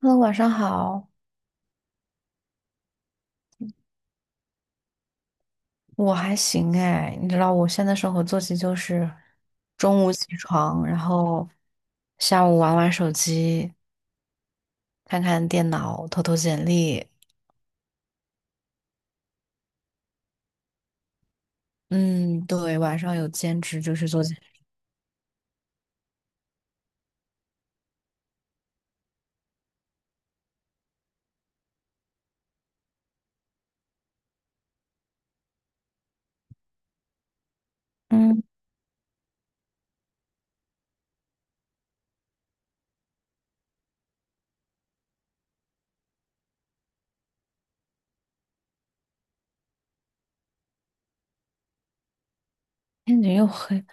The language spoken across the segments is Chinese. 哈喽，晚上好。我还行哎，你知道我现在生活作息就是中午起床，然后下午玩玩手机，看看电脑，投投简历。嗯，对，晚上有兼职就是做兼职。嗯，天你又黑。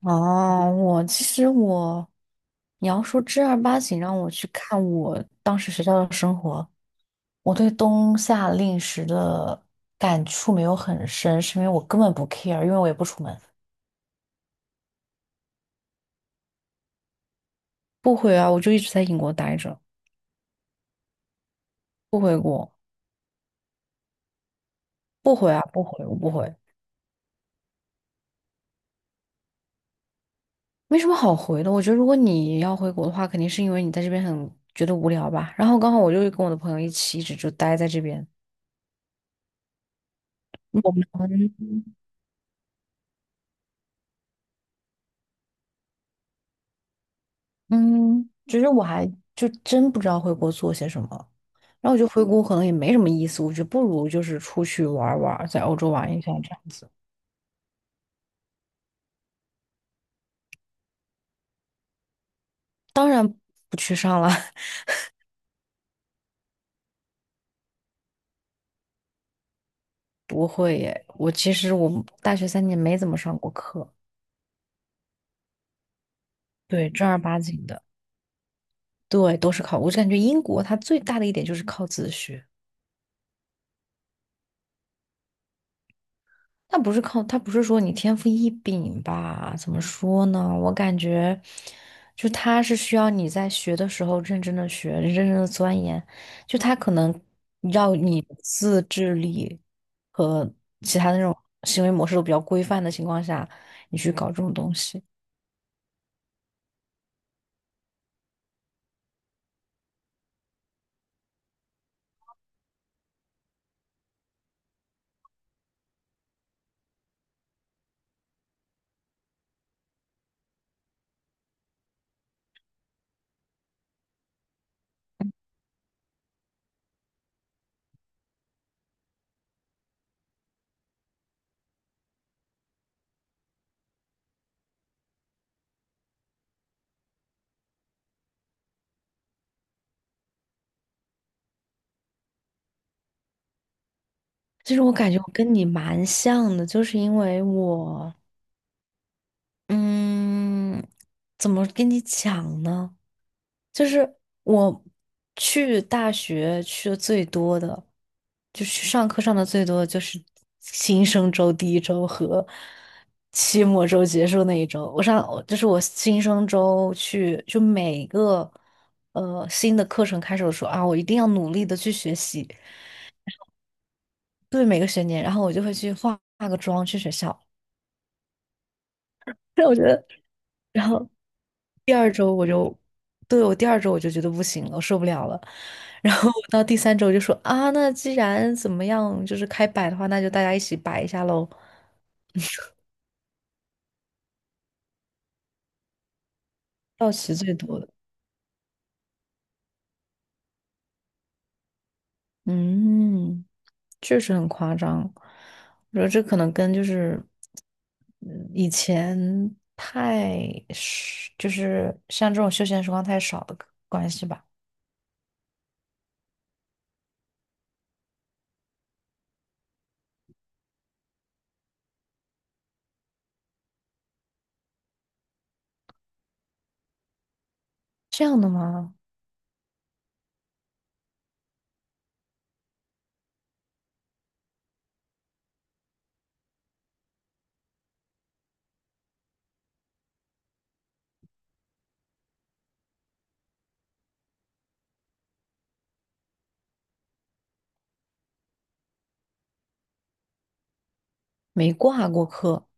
哦，我其实我，你要说正儿八经让我去看我当时学校的生活，我对冬夏令时的感触没有很深，是因为我根本不 care，因为我也不出门。不回啊，我就一直在英国待着。不回国。不回啊，不回，我不回，没什么好回的。我觉得如果你要回国的话，肯定是因为你在这边很觉得无聊吧。然后刚好我就跟我的朋友一起，一直就待在这边。我们嗯，其实我还就真不知道回国做些什么。然后我觉得回国可能也没什么意思，我觉得不如就是出去玩儿玩儿在欧洲玩一下这样子。不去上了。不会耶。我其实我大学三年没怎么上过课。对，正儿八经的。对，都是靠。我就感觉英国它最大的一点就是靠自学。它不是说你天赋异禀吧？怎么说呢？我感觉，就它是需要你在学的时候认真的学，认真的钻研，就它可能要你自制力和其他的那种行为模式都比较规范的情况下，你去搞这种东西。其实我感觉我跟你蛮像的，就是因为我。嗯，怎么跟你讲呢？就是我去大学去的最多的，就是上课上的最多的就是新生周第一周和期末周结束那一周。我上就是我新生周去，就每个新的课程开始的时候啊，我一定要努力的去学习。对每个学年，然后我就会去化化个妆去学校。但我觉得，然后第二周我就，对，我第二周我就觉得不行了，我受不了了。然后我到第三周我就说啊，那既然怎么样，就是开摆的话，那就大家一起摆一下喽。到齐最多的。嗯，确实很夸张。我觉得这可能跟以前就是像这种休闲时光太少的关系吧。这样的吗？没挂过科。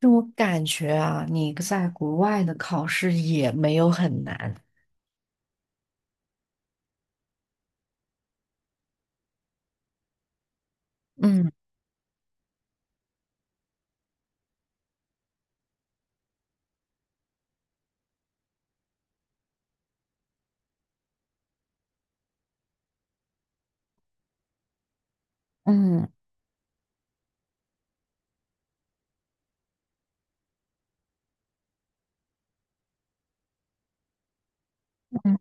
就我感觉啊，你在国外的考试也没有很难。嗯嗯嗯，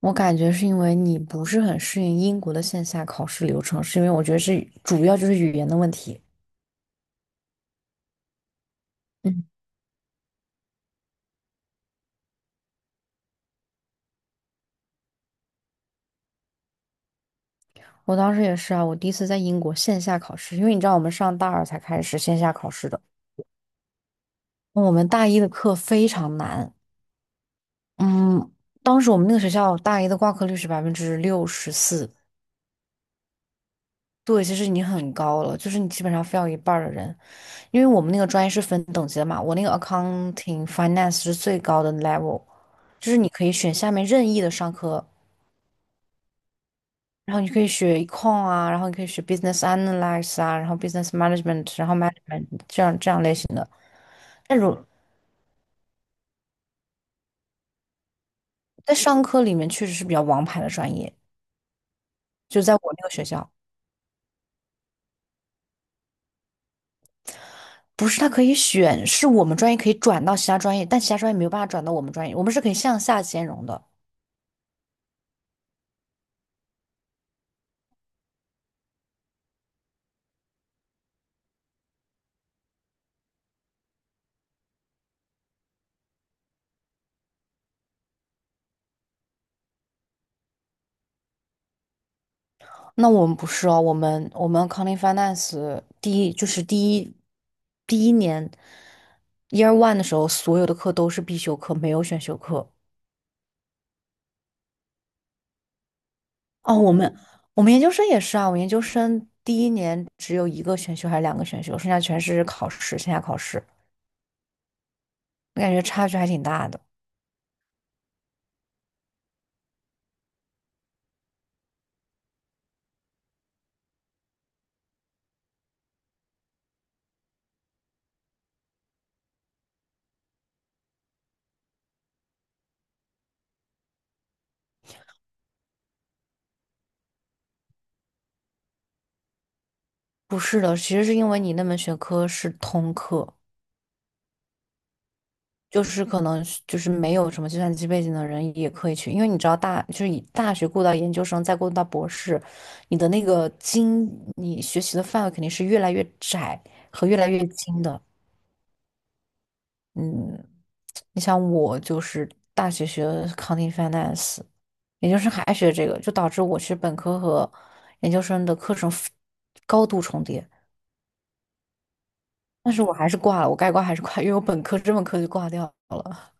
我感觉是因为你不是很适应英国的线下考试流程，是因为我觉得是主要就是语言的问题。嗯，我当时也是啊，我第一次在英国线下考试，因为你知道我们上大二才开始线下考试的。我们大一的课非常难。嗯，当时我们那个学校大一的挂科率是64%。对，其实已经很高了，就是你基本上非要一半儿的人。因为我们那个专业是分等级的嘛，我那个 accounting finance 是最高的 level，就是你可以选下面任意的商科，然后你可以学 econ 啊，然后你可以学 business analysis 啊，然后 business management，然后 management 这样这样类型的。但如在商科里面确实是比较王牌的专业，就在我那个学校。不是他可以选，是我们专业可以转到其他专业，但其他专业没有办法转到我们专业，我们是可以向下兼容的。那我们不是哦，我们 a c o u n t i n g Finance 第一就是第一第一年 Year One 的时候，所有的课都是必修课，没有选修课。哦，我们研究生也是啊，我研究生第一年只有一个选修还是两个选修，剩下全是考试，线下考试。我感觉差距还挺大的。不是的，其实是因为你那门学科是通课，就是可能是就是没有什么计算机背景的人也可以去，因为你知道大就是以大学过到研究生，再过渡到博士，你的那个精，你学习的范围肯定是越来越窄和越来越精的。嗯，你像我就是大学学的 c o u n t i n g finance，研究生还学这个，就导致我其实本科和研究生的课程 高度重叠，但是我还是挂了，我该挂还是挂，因为我本科这门课就挂掉了。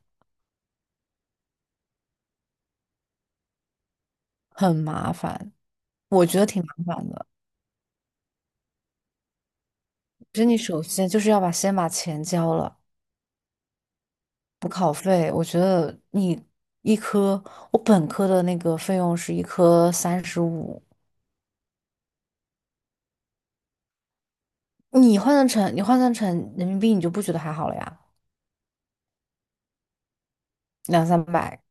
很麻烦，我觉得挺麻烦的。其实你首先就是要把先把钱交了，补考费。我觉得你一科，我本科的那个费用是一科35。你换算成人民币，你就不觉得还好了呀，两三百。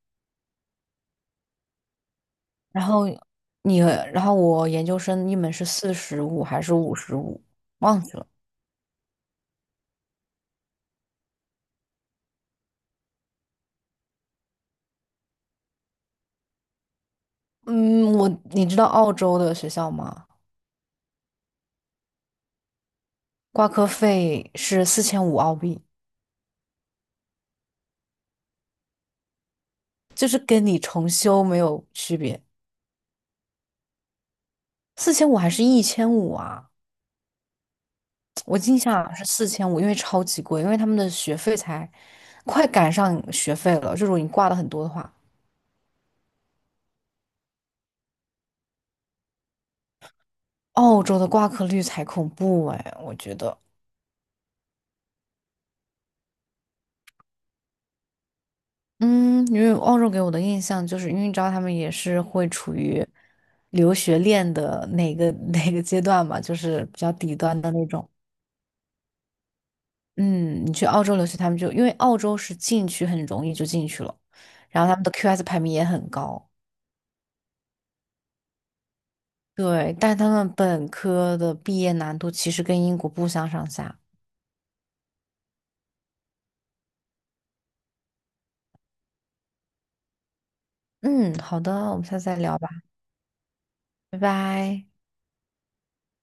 然后你，然后我研究生一门是45还是55，忘记了。嗯，我你知道澳洲的学校吗？挂科费是四千五澳币，就是跟你重修没有区别。四千五还是1500啊？我印象好像是四千五，因为超级贵，因为他们的学费才快赶上学费了。就如果你挂的很多的话，澳洲的挂科率才恐怖哎，我觉得。嗯，因为澳洲给我的印象就是，因为你知道他们也是会处于留学链的哪个阶段嘛，就是比较底端的那种。嗯，你去澳洲留学，他们就因为澳洲是进去很容易就进去了，然后他们的 QS 排名也很高。对，但他们本科的毕业难度其实跟英国不相上下。嗯，好的，我们下次再聊吧。拜拜。